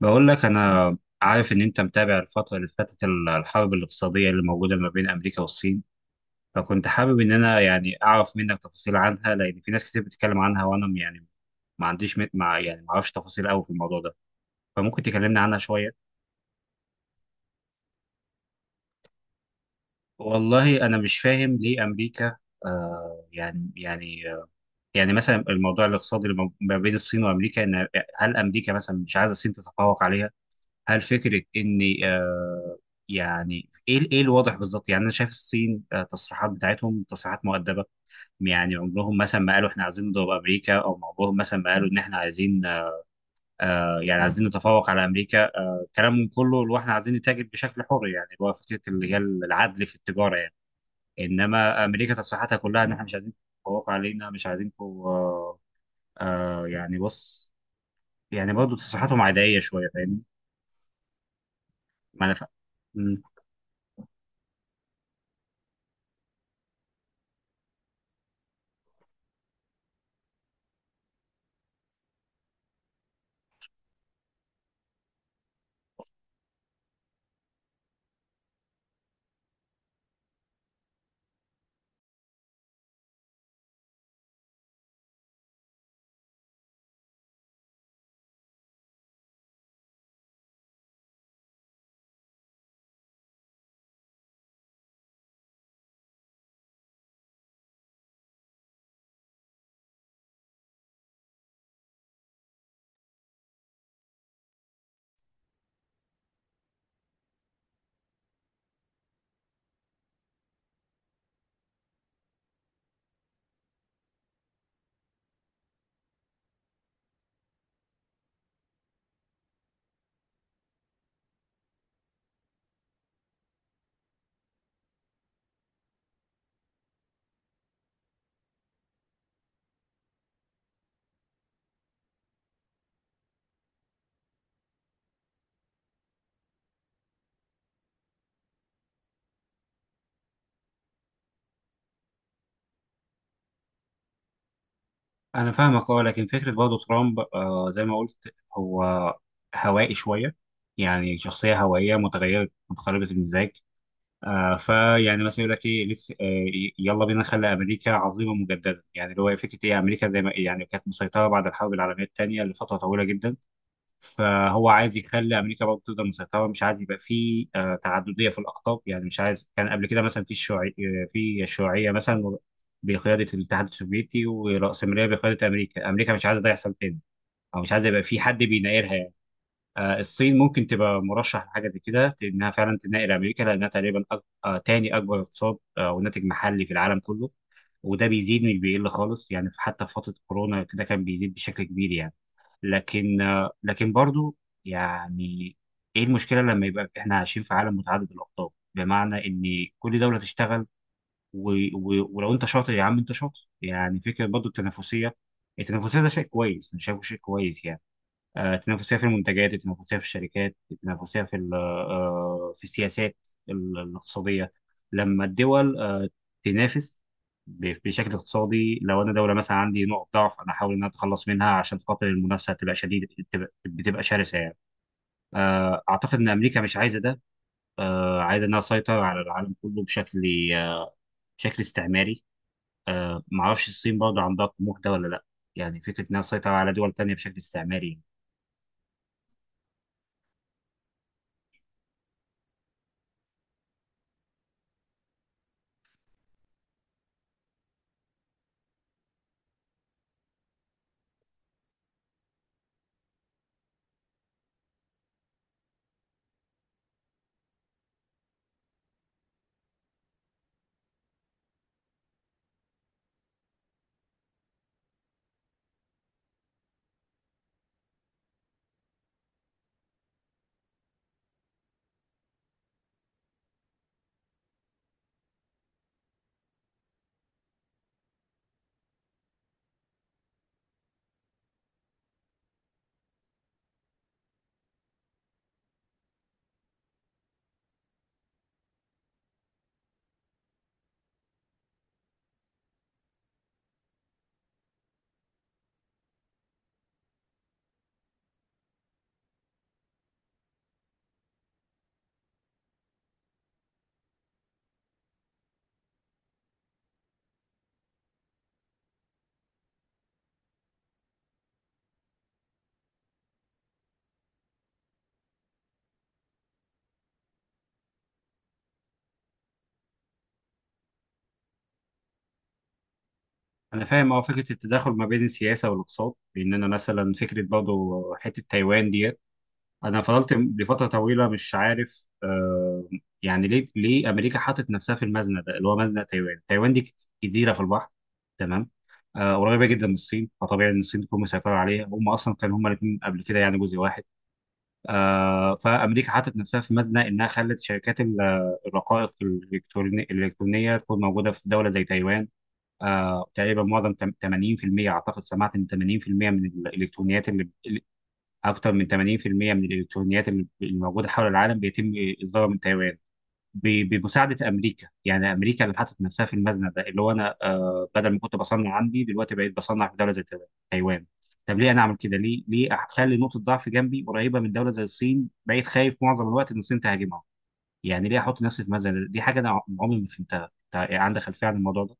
بقول لك أنا عارف إن أنت متابع الفترة اللي فاتت الحرب الاقتصادية اللي موجودة ما بين أمريكا والصين. فكنت حابب إن أنا يعني أعرف منك تفاصيل عنها، لأن في ناس كتير بتتكلم عنها وأنا يعني ما عنديش م- مع يعني ما أعرفش تفاصيل أوي في الموضوع ده، فممكن تكلمنا عنها شوية. والله أنا مش فاهم ليه أمريكا آه يعني يعني آه يعني مثلا الموضوع الاقتصادي اللي ما بين الصين وأمريكا، إن هل أمريكا مثلا مش عايزة الصين تتفوق عليها؟ هل فكره ان يعني ايه ايه الواضح بالظبط؟ يعني انا شايف الصين التصريحات بتاعتهم تصريحات مؤدبه، يعني عمرهم مثلا ما قالوا احنا عايزين نضرب امريكا، او عمرهم مثلا ما قالوا ان احنا عايزين يعني عايزين نتفوق على امريكا. كلامهم كله اللي هو احنا عايزين نتاجر بشكل حر، يعني اللي هو فكره اللي هي العدل في التجاره يعني. انما امريكا تصريحاتها كلها ان احنا مش عايزين تتفوقوا علينا، مش عايزينكم بص، يعني برضه تصريحاتهم عاديه شويه، فاهمني؟ ما انا فا- انا فاهمك، اه. لكن فكره برضه ترامب زي ما قلت، هو هوائي شويه، يعني شخصيه هوائيه متغيره متقلبه المزاج. آه فيعني مثلا يقول لك ايه لسه يلا بينا نخلي امريكا عظيمه مجددا، يعني اللي هو فكره ايه؟ امريكا زي ما يعني كانت مسيطره بعد الحرب العالميه الثانيه لفتره طويله جدا. فهو عايز يخلي امريكا برضه تقدر مسيطره، مش عايز يبقى في تعدديه في الاقطاب. يعني مش عايز. كان قبل كده مثلا في الشيوعي في الشيوعيه مثلا بقياده الاتحاد السوفيتي، والرأسمالية بقياده امريكا. امريكا مش عايزه ده يحصل تاني، او مش عايزه يبقى في حد بينايرها يعني. الصين ممكن تبقى مرشح لحاجه زي كده، انها فعلا تناير امريكا، لانها تقريبا أك... آه، تاني اكبر اقتصاد وناتج محلي في العالم كله. وده بيزيد مش بيقل خالص يعني، حتى في فتره كورونا كده كان بيزيد بشكل كبير يعني. لكن برضو يعني ايه المشكله لما يبقى احنا عايشين في عالم متعدد الاقطاب؟ بمعنى ان كل دوله تشتغل، و... و... ولو انت شاطر يا عم انت شاطر، يعني فكره برضو التنافسيه. التنافسيه ده شيء كويس، انا شايفه شيء كويس يعني. التنافسية في المنتجات، التنافسية في الشركات، التنافسية في في السياسات الاقتصادية. لما الدول تنافس بشكل اقتصادي، لو انا دوله مثلا عندي نقط ضعف، انا احاول ان انا اتخلص منها عشان خاطر المنافسه تبقى شديده، بتبقى شرسه يعني. اعتقد ان امريكا مش عايزه ده. عايزه انها تسيطر على العالم كله بشكل آه، بشكل استعماري. معرفش الصين برضه عندها الطموح ده ولا لا، يعني فكره انها تسيطر على دول تانيه بشكل استعماري. انا فاهم، اه. فكره التداخل ما بين السياسه والاقتصاد، لان انا مثلا فكره برضه حته تايوان ديت، انا فضلت لفتره طويله مش عارف يعني ليه امريكا حطت نفسها في المزنه ده، اللي هو مزنه تايوان. تايوان دي جزيره في البحر، تمام؟ قريبه جدا من الصين، فطبيعي ان الصين تكون مسيطره عليها. هم اصلا كانوا هم الاثنين قبل كده يعني جزء واحد. آه فامريكا حطت نفسها في مزنه، انها خلت شركات الرقائق الالكترونيه الإلكترونية تكون موجوده في دوله زي تايوان. تقريبا معظم 80% اعتقد، سمعت ان 80% من الالكترونيات اكتر من 80% من الالكترونيات اللي موجوده حول العالم بيتم اصدارها من تايوان بمساعده امريكا. يعني امريكا اللي حطت نفسها في المزنه ده، اللي هو انا بدل ما كنت بصنع عندي، دلوقتي بقيت بصنع في دوله زي تايوان. طب ليه انا اعمل كده؟ ليه اخلي نقطه ضعف جنبي قريبه من دوله زي الصين؟ بقيت خايف معظم الوقت ان الصين تهاجمها. يعني ليه احط نفسي في مزنه دي؟ حاجه انا عمري ما فهمتها. عندك خلفيه عن الموضوع ده؟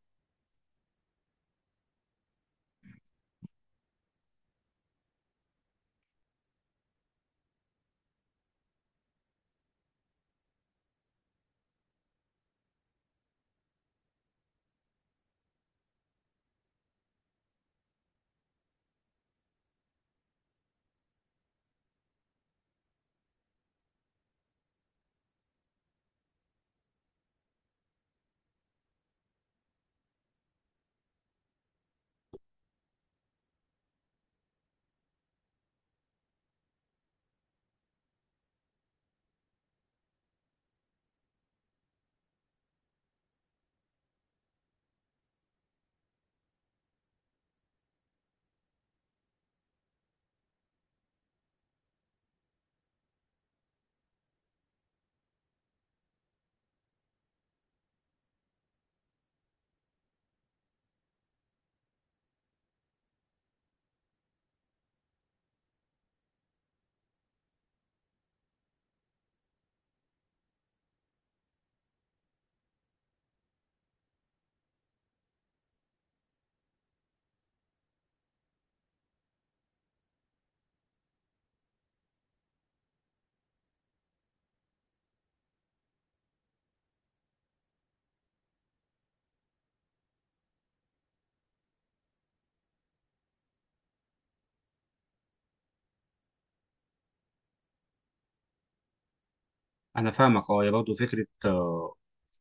انا فاهمك، اه. يا برضه فكره آه،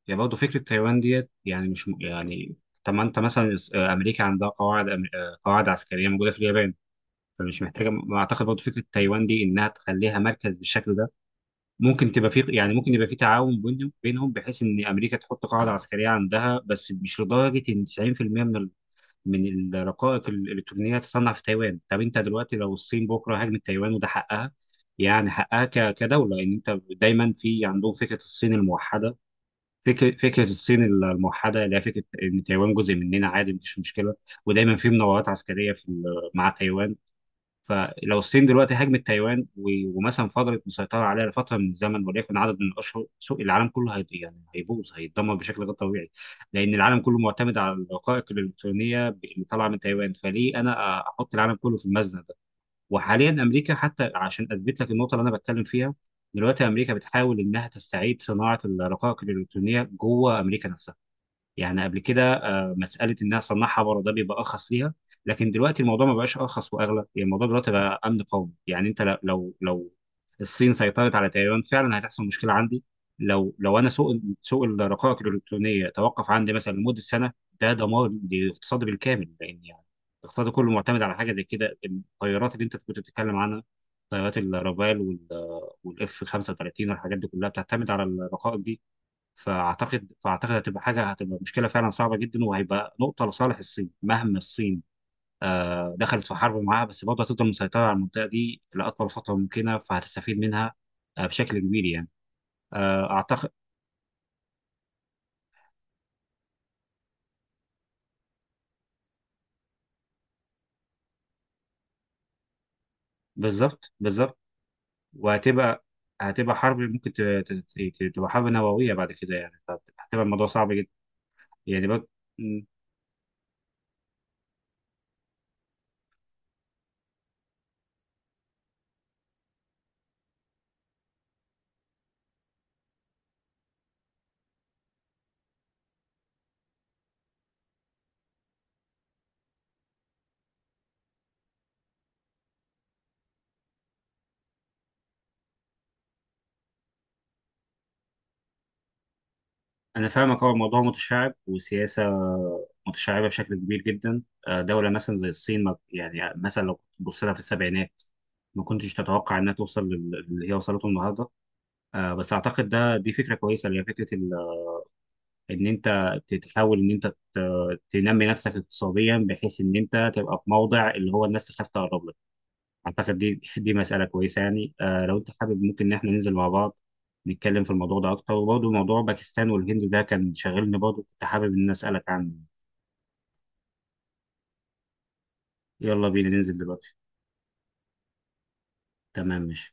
يا برضه فكره تايوان ديت، يعني مش م- يعني طب ما انت مثلا امريكا عندها قواعد أم- آه، قواعد عسكريه موجوده في اليابان، فمش محتاجه ما اعتقد برضه فكره تايوان دي انها تخليها مركز بالشكل ده. ممكن تبقى في، يعني ممكن يبقى في تعاون بينهم بحيث ان امريكا تحط قاعده عسكريه عندها، بس مش لدرجه ان 90% من من الرقائق الالكترونيه تصنع في تايوان. طب انت دلوقتي لو الصين بكره هاجمت تايوان، وده حقها يعني، حقها كدوله، لان انت دايما في عندهم فكره الصين الموحده. فكره الصين الموحده، اللي هي فكره ان تايوان جزء مننا عادي، مفيش مشكله. ودايما في مناورات عسكريه في مع تايوان. فلو الصين دلوقتي هاجمت تايوان ومثلا فضلت مسيطره عليها لفتره من الزمن، وليكن عدد من الاشهر، سوق العالم كله هي يعني هيبوظ، هيتدمر بشكل غير طبيعي. لان العالم كله معتمد على الرقائق الالكترونيه اللي طالعه من تايوان. فليه انا احط العالم كله في المزنه ده؟ وحاليا امريكا، حتى عشان اثبت لك النقطه اللي انا بتكلم فيها، دلوقتي امريكا بتحاول انها تستعيد صناعه الرقائق الالكترونيه جوه امريكا نفسها. يعني قبل كده مساله انها صنعها بره ده بيبقى ارخص ليها، لكن دلوقتي الموضوع ما بقاش ارخص واغلى يعني، الموضوع دلوقتي بقى امن قومي يعني. انت لو الصين سيطرت على تايوان فعلا، هتحصل مشكله عندي. لو انا سوق الرقائق الالكترونيه توقف عندي مثلا لمده سنه، ده دمار للاقتصاد بالكامل، لان يعني الاقتصاد كله معتمد على حاجه زي كده. الطيارات اللي انت كنت بتتكلم عنها، طيارات الرافال والاف 35 والحاجات دي كلها بتعتمد على الرقائق دي. فاعتقد هتبقى حاجه، هتبقى مشكله فعلا صعبه جدا، وهيبقى نقطه لصالح الصين. مهما الصين دخلت في حرب معاها، بس برضه هتفضل مسيطره على المنطقه دي لاطول فتره ممكنه، فهتستفيد منها بشكل كبير يعني، اعتقد. بالظبط، بالظبط. وهتبقى حرب ممكن تبقى حرب نوويه بعد كده يعني، فهتبقى الموضوع صعب جدا، يعني برضه. أنا فاهمك، هو الموضوع متشعب وسياسة متشعبة بشكل كبير جدا. دولة مثلا زي الصين، يعني مثلا لو تبص لها في السبعينات ما كنتش تتوقع إنها توصل اللي هي وصلته النهاردة. بس أعتقد دي فكرة كويسة، اللي هي فكرة إن أنت تحاول إن أنت تنمي نفسك اقتصاديا، بحيث إن أنت تبقى في موضع اللي هو الناس تخاف تقرب لك. اعتقد دي مساله كويسه يعني. آه، لو انت حابب، ممكن ان احنا ننزل مع بعض نتكلم في الموضوع ده اكتر، وبرضه موضوع باكستان والهند ده كان شاغلني برضه، كنت حابب ان أنا اسالك عنه. يلا بينا ننزل دلوقتي. تمام، ماشي.